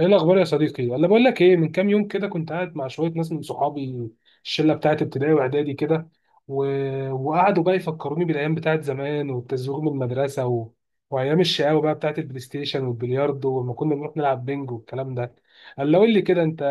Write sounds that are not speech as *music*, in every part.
ايه الاخبار يا صديقي؟ ولا بقول لك ايه، من كام يوم كده كنت قاعد مع شويه ناس من صحابي، الشله بتاعت ابتدائي واعدادي كده و... وقعدوا بقى يفكروني بالايام بتاعت زمان والتزويغ من المدرسه وايام الشقاوه بقى بتاعت البلاي ستيشن والبلياردو، ولما كنا بنروح نلعب بينج والكلام ده. قول لي كده انت،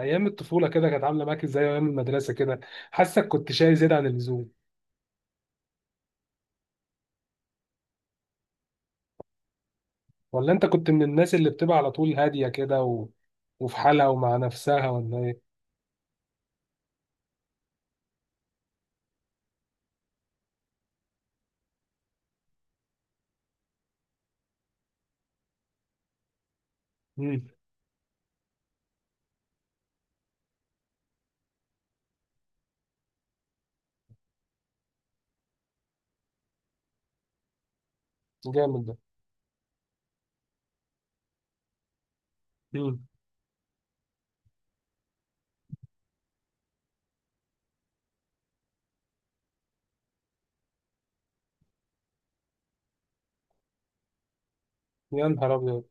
ايام الطفوله كده كانت عامله معاك ازاي؟ ايام المدرسه كده، حاسك كنت شاي زياده عن اللزوم، ولا انت كنت من الناس اللي بتبقى على طول هاديه كده وفي حالها ومع نفسها، ولا ايه؟ امم. جامد ده. امم. يا نهار ابيض.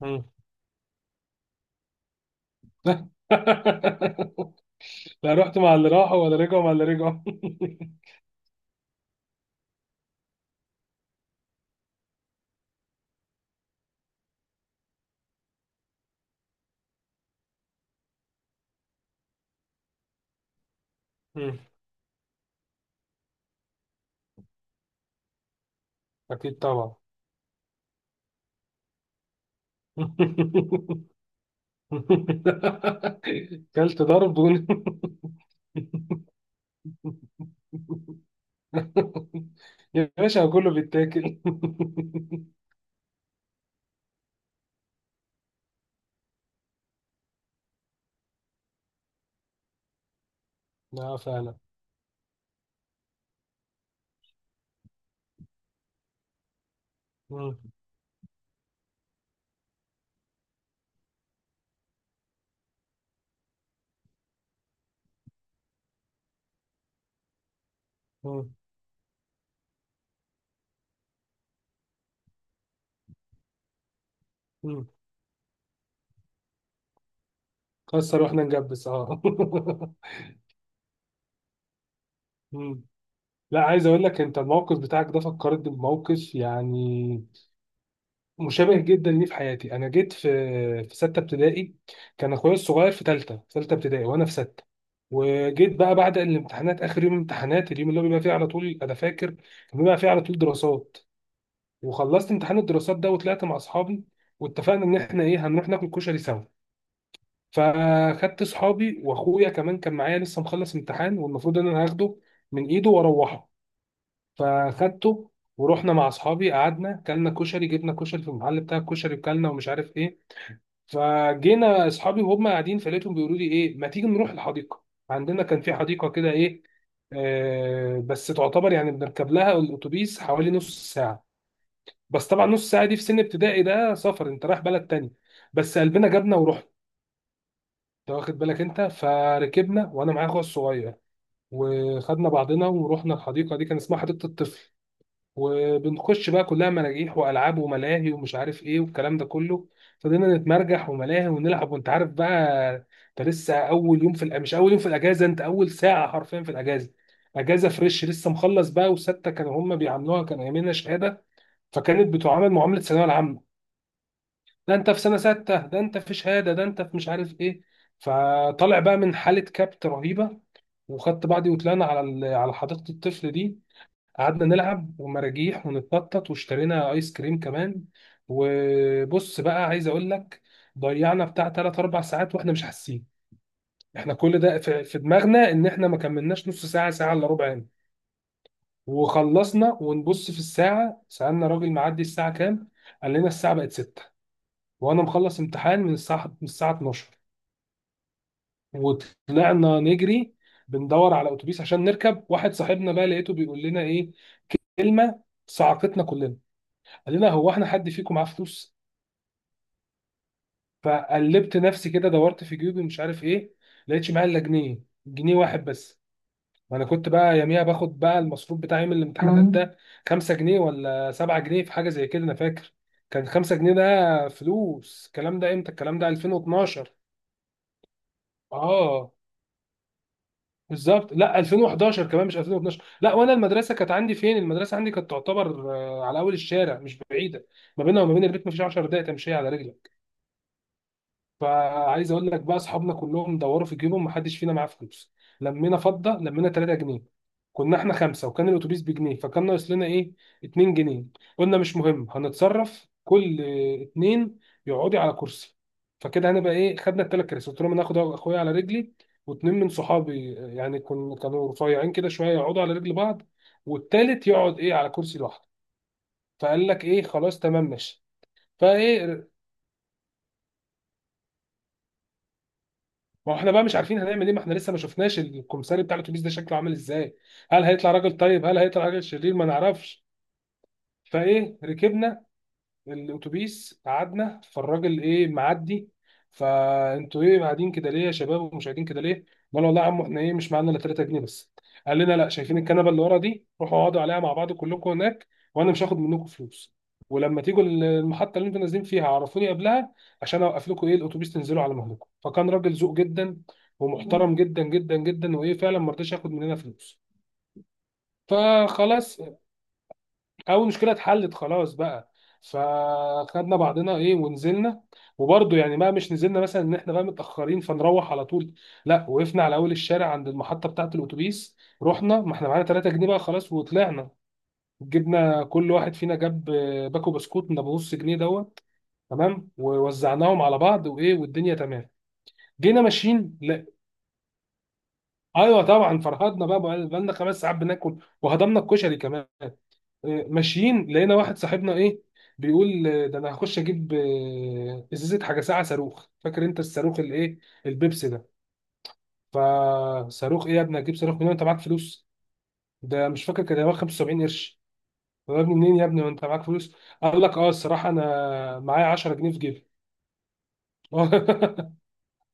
مم. *laughs* لا، رحت مع اللي راحوا ولا رجعوا مع اللي رجعوا؟ *laughs* مم. أكيد طبعا. *laughs* كلت ضرب *laughs* يا باشا كله بيتاكل. *laughs* لا فعلا. مم. مم. مم. كسر واحنا نجبس، اه. *laughs* مم. لا، عايز اقول لك، انت الموقف بتاعك ده فكرت بموقف يعني مشابه جدا ليه في حياتي. انا جيت في سته ابتدائي، كان اخويا الصغير في ثالثه ابتدائي وانا في سته. وجيت بقى بعد الامتحانات، اخر يوم امتحانات اليوم اللي هو بيبقى فيه على طول، انا فاكر كان بيبقى فيه على طول دراسات. وخلصت امتحان الدراسات ده وطلعت مع اصحابي، واتفقنا ان احنا ايه، هنروح ناكل كشري سوا. فخدت اصحابي، واخويا كمان كان معايا لسه مخلص امتحان، والمفروض ان انا هاخده من ايده واروحه. فخدته ورحنا مع اصحابي، قعدنا كلنا كشري، جبنا كشري في المحل بتاع الكشري وكلنا ومش عارف ايه. فجينا اصحابي وهم قاعدين، فلقيتهم بيقولوا لي ايه، ما تيجي نروح الحديقه؟ عندنا كان في حديقه كده ايه، آه، بس تعتبر يعني بنركب لها الاتوبيس حوالي نص ساعه. بس طبعا نص ساعه دي في سن ابتدائي ده سفر، انت رايح بلد تاني. بس قلبنا جابنا ورحنا. انت واخد بالك؟ انت فركبنا وانا معايا اخويا الصغير، وخدنا بعضنا ورحنا الحديقه دي، كان اسمها حديقه الطفل. وبنخش بقى كلها مراجيح والعاب وملاهي ومش عارف ايه والكلام ده كله. فضلنا نتمرجح وملاهي ونلعب، وانت عارف بقى، انت لسه اول يوم في مش اول يوم في الاجازه، انت اول ساعه حرفيا في الاجازه. اجازه فريش لسه مخلص بقى، وسته كانوا هم بيعاملوها كان ايامنا شهاده، فكانت بتعامل معامله الثانويه العامه. ده انت في سنه سته، ده انت في شهاده، ده انت في مش عارف ايه. فطالع بقى من حاله كبت رهيبه، وخدت بعضي وطلعنا على على حديقه الطفل دي، قعدنا نلعب ومراجيح ونتنطط، واشترينا ايس كريم كمان. وبص بقى عايز اقول لك، ضيعنا بتاع 3 4 ساعات واحنا مش حاسين، احنا كل ده في دماغنا ان احنا ما كملناش نص ساعه، ساعه الا ربع يعني. وخلصنا ونبص في الساعه، سالنا راجل معدي الساعه كام، قال لنا الساعه بقت 6. وانا مخلص امتحان من الساعه 12. وطلعنا نجري بندور على اتوبيس عشان نركب، واحد صاحبنا بقى لقيته بيقول لنا ايه، كلمه صعقتنا كلنا، قال لنا هو احنا حد فيكم معاه فلوس؟ فقلبت نفسي كده، دورت في جيوبي مش عارف ايه، لقيتش معايا الا جنيه، جنيه واحد بس. وانا كنت بقى يوميها باخد بقى المصروف بتاعي يوم الامتحانات مم. ده خمسة جنيه ولا سبعة جنيه، في حاجة زي كده انا فاكر كان خمسة جنيه. ده فلوس، الكلام ده امتى؟ الكلام ده 2012. اه بالظبط، لا 2011 كمان، مش 2012. لا، وانا المدرسه كانت عندي فين؟ المدرسه عندي كانت تعتبر على اول الشارع، مش بعيده، ما بينها وما بين البيت مفيش 10 دقائق تمشي على رجلك. فعايز اقول لك بقى، اصحابنا كلهم دوروا في جيبهم محدش فينا معاه فلوس، لمينا فضه لمينا 3 جنيه. كنا احنا خمسه، وكان الاتوبيس بجنيه، فكان ناقص لنا ايه، 2 جنيه. قلنا مش مهم هنتصرف، كل اتنين يقعدي على كرسي، فكده هنبقى ايه، خدنا الثلاث كراسي، قلت لهم انا هاخد اخويا على رجلي، واتنين من صحابي يعني كانوا رفيعين كده شويه يقعدوا على رجل بعض، والتالت يقعد ايه على كرسي لوحده. فقال لك ايه، خلاص تمام ماشي. فايه، ما هو احنا بقى مش عارفين هنعمل ايه، ما احنا لسه ما شفناش الكمساري بتاع الاتوبيس ده شكله عامل ازاي، هل هيطلع راجل طيب، هل هيطلع راجل شرير، ما نعرفش. فايه ركبنا الاتوبيس قعدنا، فالراجل ايه معدي، فانتوا ايه قاعدين كده ليه يا شباب، ومش قاعدين كده ليه؟ قال والله يا عم احنا ايه مش معانا الا 3 جنيه بس. قال لنا، لا، شايفين الكنبه اللي ورا دي، روحوا اقعدوا عليها مع بعض كلكم هناك، وانا مش هاخد منكم فلوس. ولما تيجوا المحطه اللي انتوا نازلين فيها عرفوني قبلها عشان اوقف لكم ايه الاتوبيس تنزلوا على مهلكم. فكان راجل ذوق جدا ومحترم جدا جدا جدا، وايه، فعلا ما رضاش ياخد مننا فلوس. فخلاص، او المشكله اتحلت خلاص بقى. فخدنا بعضنا ايه ونزلنا. وبرضه يعني ما مش نزلنا مثلا ان احنا بقى متاخرين فنروح على طول، لا، وقفنا على اول الشارع عند المحطه بتاعه الاتوبيس، رحنا ما احنا معانا 3 جنيه بقى خلاص وطلعنا. جبنا كل واحد فينا جاب باكو بسكوت من ابو نص جنيه دوت، تمام، ووزعناهم على بعض، وايه، والدنيا تمام. جينا ماشيين، لا، ايوه طبعا فرهدنا بقى، بقى لنا خمس ساعات بناكل وهضمنا الكشري كمان. ماشيين لقينا واحد صاحبنا ايه بيقول ده انا هخش اجيب ازازه حاجه ساعه صاروخ. فاكر انت الصاروخ الايه؟ البيبسي ده. فصاروخ ايه يا ابني، هتجيب صاروخ منين، انت معاك فلوس؟ ده مش فاكر كان هو 75 قرش. طب يا ابني منين يا ابني، وانت معاك فلوس؟ قال لك اه، الصراحه انا معايا 10 جنيه في جيبي. *laughs*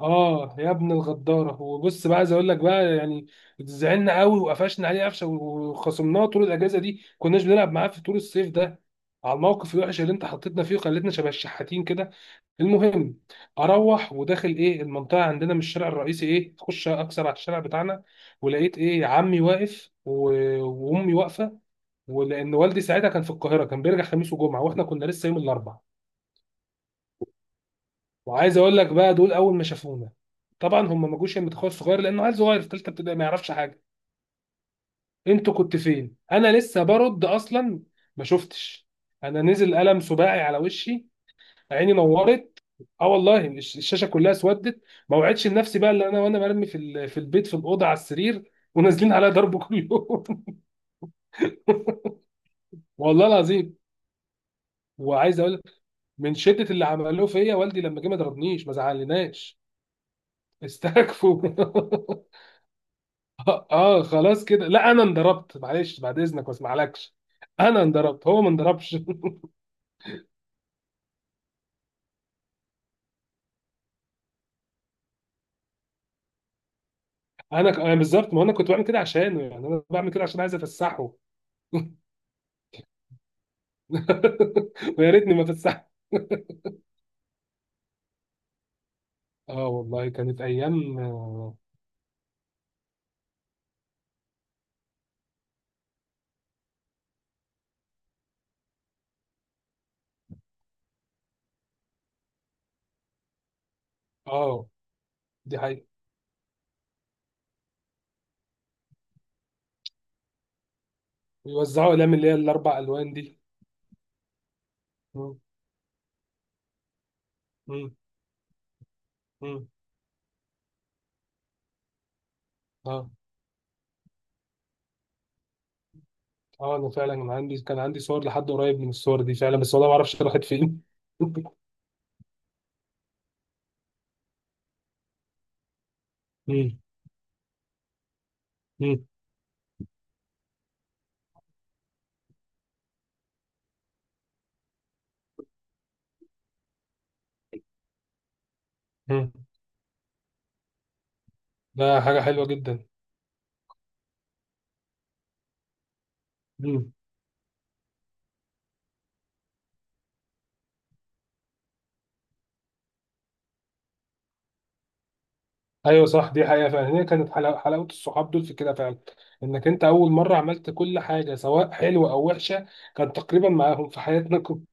اه يا ابن الغداره. وبص بقى عايز اقول لك بقى يعني، زعلنا قوي وقفشنا عليه قفشه، وخصمناه طول الاجازه دي كناش بنلعب معاه في طول الصيف ده، على الموقف الوحش اللي انت حطيتنا فيه وخلتنا شبه الشحاتين كده. المهم، اروح وداخل ايه المنطقه عندنا من الشارع الرئيسي، ايه اخش اكسر على الشارع بتاعنا، ولقيت ايه عمي واقف وامي واقفه. ولان والدي ساعتها كان في القاهره، كان بيرجع خميس وجمعه، واحنا كنا لسه يوم الاربعاء. وعايز اقول لك بقى، دول اول ما شافونا، طبعا هم ما جوش المتخصص صغير لانه عيل صغير في ثالثه ابتدائي ما يعرفش حاجه. انتوا كنت فين؟ انا لسه برد اصلا ما شفتش، انا نزل قلم سباعي على وشي، عيني نورت، اه والله الشاشه كلها اسودت. ما وعدتش لنفسي بقى اللي انا، وانا مرمي في في البيت في الاوضه على السرير، ونازلين عليا ضرب كل يوم. *laughs* والله العظيم. وعايز اقول لك، من شده اللي عملوه فيا، والدي لما جه ما ضربنيش، ما زعلناش، استكفوا. *laughs* اه خلاص كده، لا انا انضربت، معلش بعد اذنك ما اسمعلكش، انا انضربت هو ما انضربش. *laughs* أنا بالظبط، ما انا كنت بعمل كده عشانه يعني، انا بعمل كده عشان عايز افسحه. *laughs* ويا ريتني ما فسحت. *laughs* اه والله كانت ايام، اه آه، دي حقيقة. ويوزعوا اقلام اللي هي الاربع الوان دي. مم، مم، مم. اه. اه انا فعلا كان عندي، كان عندي صور لحد قريب من الصور دي فعلا، بس والله ما اعرفش راحت فين. *laughs* مم، مم، مم. ده حاجة حلوة جدا. ايوه صح، دي حقيقه فعلا، هي كانت حلاوه، حلاوه الصحاب دول في كده فعلا، انك انت اول مره عملت كل حاجه سواء حلوه او وحشه كان تقريبا معاهم في حياتنا كلها.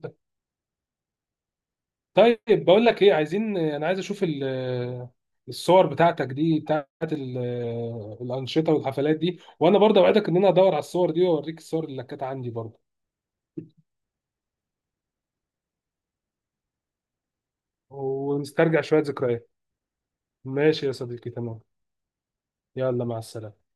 *laughs* طيب بقول لك ايه، عايز اشوف آه، الصور بتاعتك دي بتاعت آه، الانشطه والحفلات دي، وانا برضه اوعدك ان انا ادور على الصور دي واوريك الصور اللي كانت عندي برضه، ونسترجع شويه ذكريات. ماشي يا صديقي، تمام. يلا، مع السلامه.